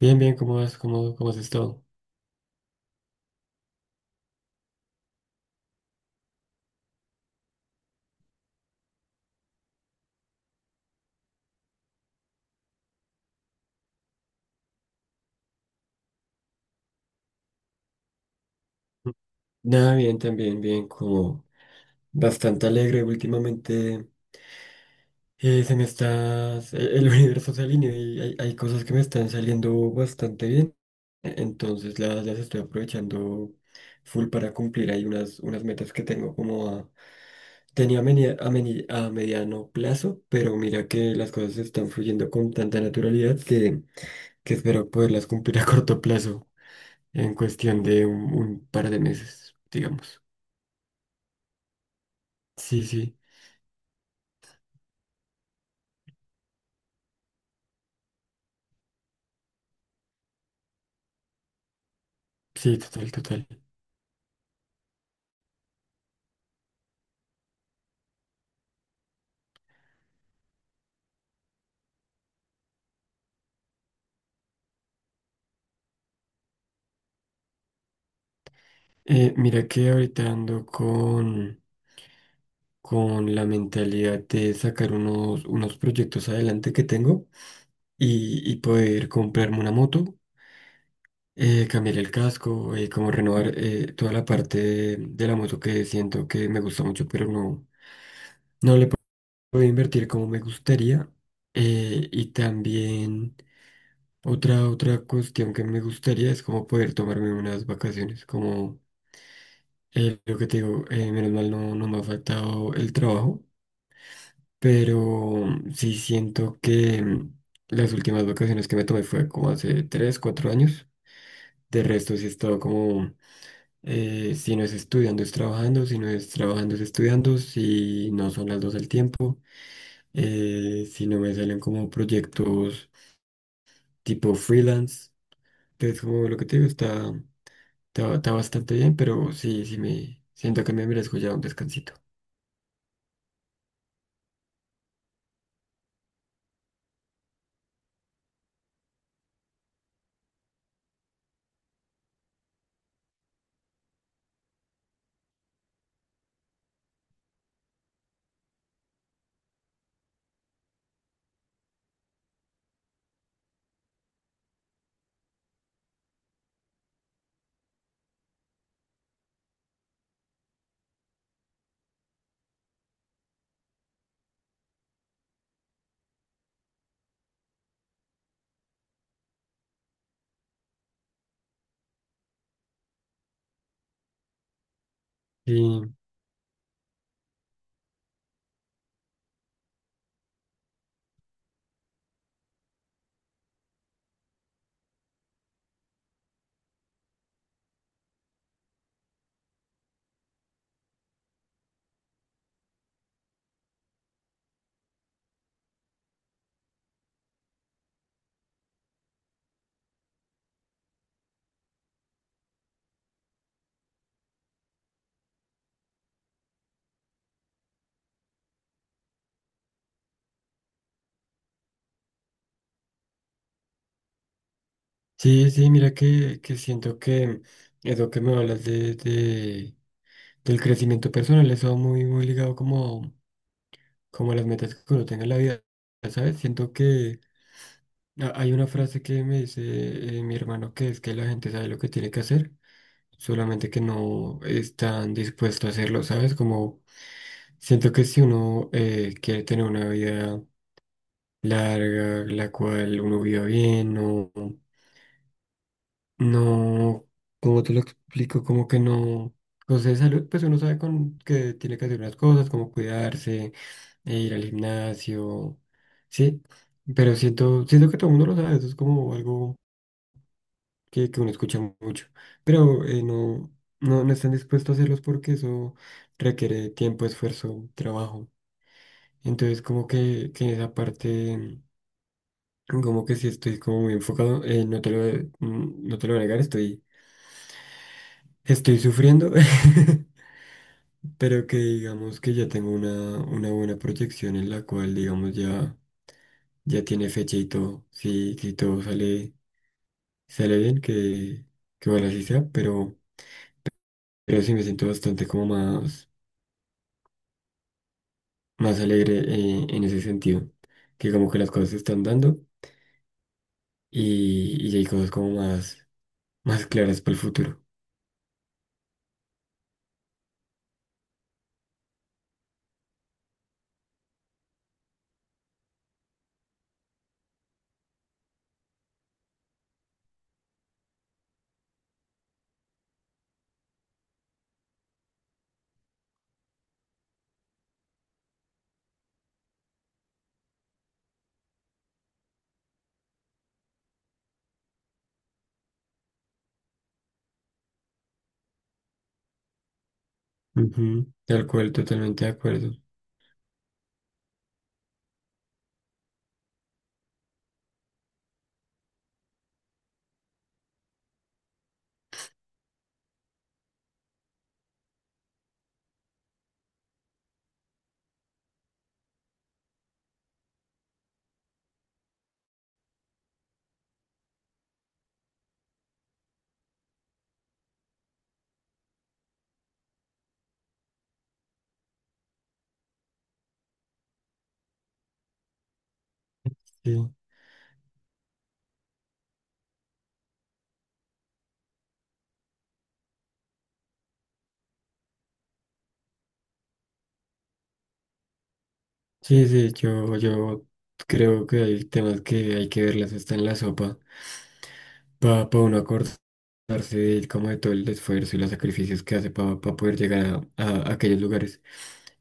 Bien, bien, ¿cómo vas? ¿Cómo has estado? Nada, bien, también, bien, como bastante alegre últimamente. Se me está, el el universo se alinea y hay cosas que me están saliendo bastante bien. Entonces las estoy aprovechando full para cumplir. Hay unas metas que tengo como a, tenía a, meni- a meni- a mediano plazo, pero mira que las cosas están fluyendo con tanta naturalidad que espero poderlas cumplir a corto plazo. En cuestión de un par de meses, digamos. Sí, sí, sí, total, total. Mira que ahorita ando con la mentalidad de sacar unos proyectos adelante que tengo y poder comprarme una moto, cambiar el casco, como renovar toda la parte de la moto, que siento que me gusta mucho, pero no puedo invertir como me gustaría. Y también... Otra cuestión que me gustaría es como poder tomarme unas vacaciones, como lo que te digo. Menos mal no me ha faltado el trabajo, pero sí siento que las últimas vacaciones que me tomé fue como hace 3 4 años. De resto sí he estado como si no es estudiando es trabajando, si no es trabajando es estudiando, si no son las dos al tiempo, si no me salen como proyectos tipo freelance. Entonces, como lo que te digo, está... Está bastante bien, pero sí, sí me siento que me merezco ya un descansito. Sí, sí, sí, mira que siento que eso que me hablas del crecimiento personal. Eso va muy, muy ligado, como a las metas que uno tenga en la vida, ¿sabes? Siento que hay una frase que me dice mi hermano, que es que la gente sabe lo que tiene que hacer, solamente que no están dispuestos a hacerlo, ¿sabes? Como, siento que si uno quiere tener una vida larga, la cual uno viva bien, no, no, como te lo explico, como que no, cosas de salud, pues uno sabe, que tiene que hacer unas cosas, como cuidarse, e ir al gimnasio, sí, pero siento que todo el mundo lo sabe. Eso es como algo que uno escucha mucho, pero no, no, no están dispuestos a hacerlos, porque eso requiere tiempo, esfuerzo, trabajo. Entonces, como que en esa parte... Como que sí estoy como muy enfocado, no te lo voy a negar, estoy sufriendo, pero que digamos que ya tengo una buena proyección, en la cual digamos ya, ya tiene fecha y todo, si todo sale bien, que bueno así sea, pero sí me siento bastante como más, más alegre en ese sentido, que como que las cosas se están dando, y ya hay cosas como más, más claras para el futuro. Ujú, tal cual, totalmente de acuerdo. Sí. Sí, sí, yo creo que hay temas que hay que verlas hasta en la sopa, para uno acordarse como de todo el esfuerzo y los sacrificios que hace para poder llegar a aquellos lugares.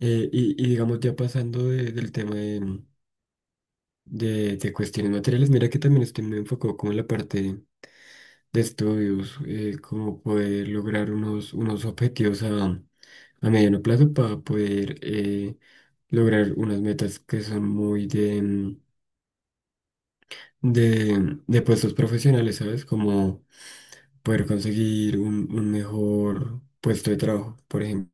Y digamos, ya pasando del tema de cuestiones materiales, mira que también estoy muy enfocado como en la parte de estudios, como poder lograr unos objetivos a mediano plazo, para poder lograr unas metas que son muy de... de puestos profesionales, ¿sabes? Como poder conseguir un mejor puesto de trabajo, por ejemplo.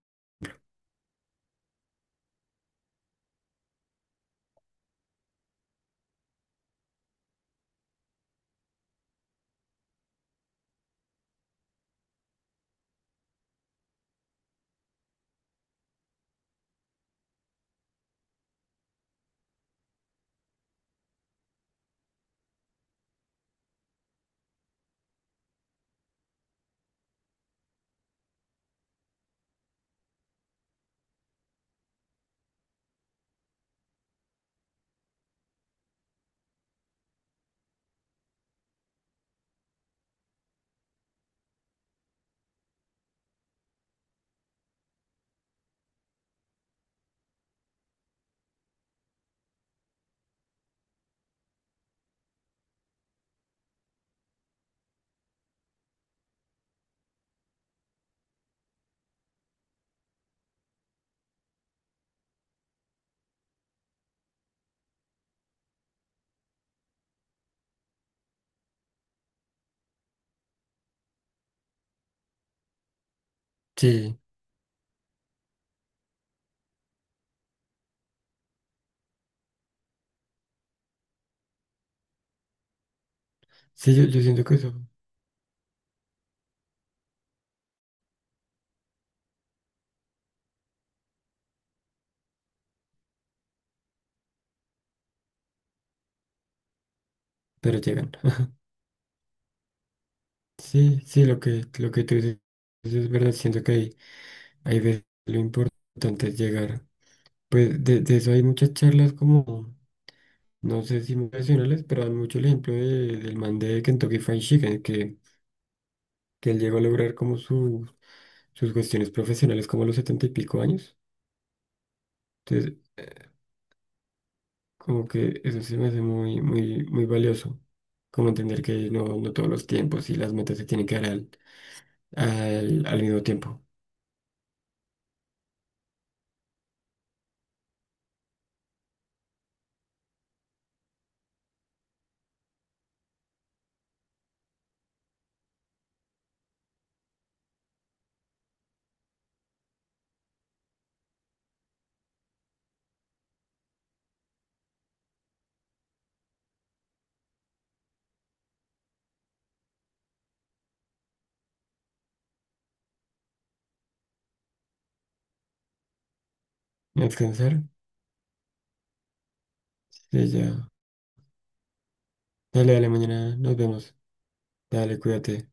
Sí, sí, yo siento que eso, pero llegan. Sí, sí, lo que tú dices es verdad. Siento que hay veces lo importante es llegar. Pues de eso hay muchas charlas, como, no sé si profesionales, pero dan mucho el ejemplo del man de Kentucky Fried Chicken, que él llegó a lograr como sus cuestiones profesionales como a los 70 y pico años. Entonces, como que eso se me hace muy, muy, muy valioso. Como entender que no, no todos los tiempos y las metas se tienen que dar al, al mismo tiempo. A descansar. Sí, ya. Dale, dale, mañana nos vemos. Dale, cuídate.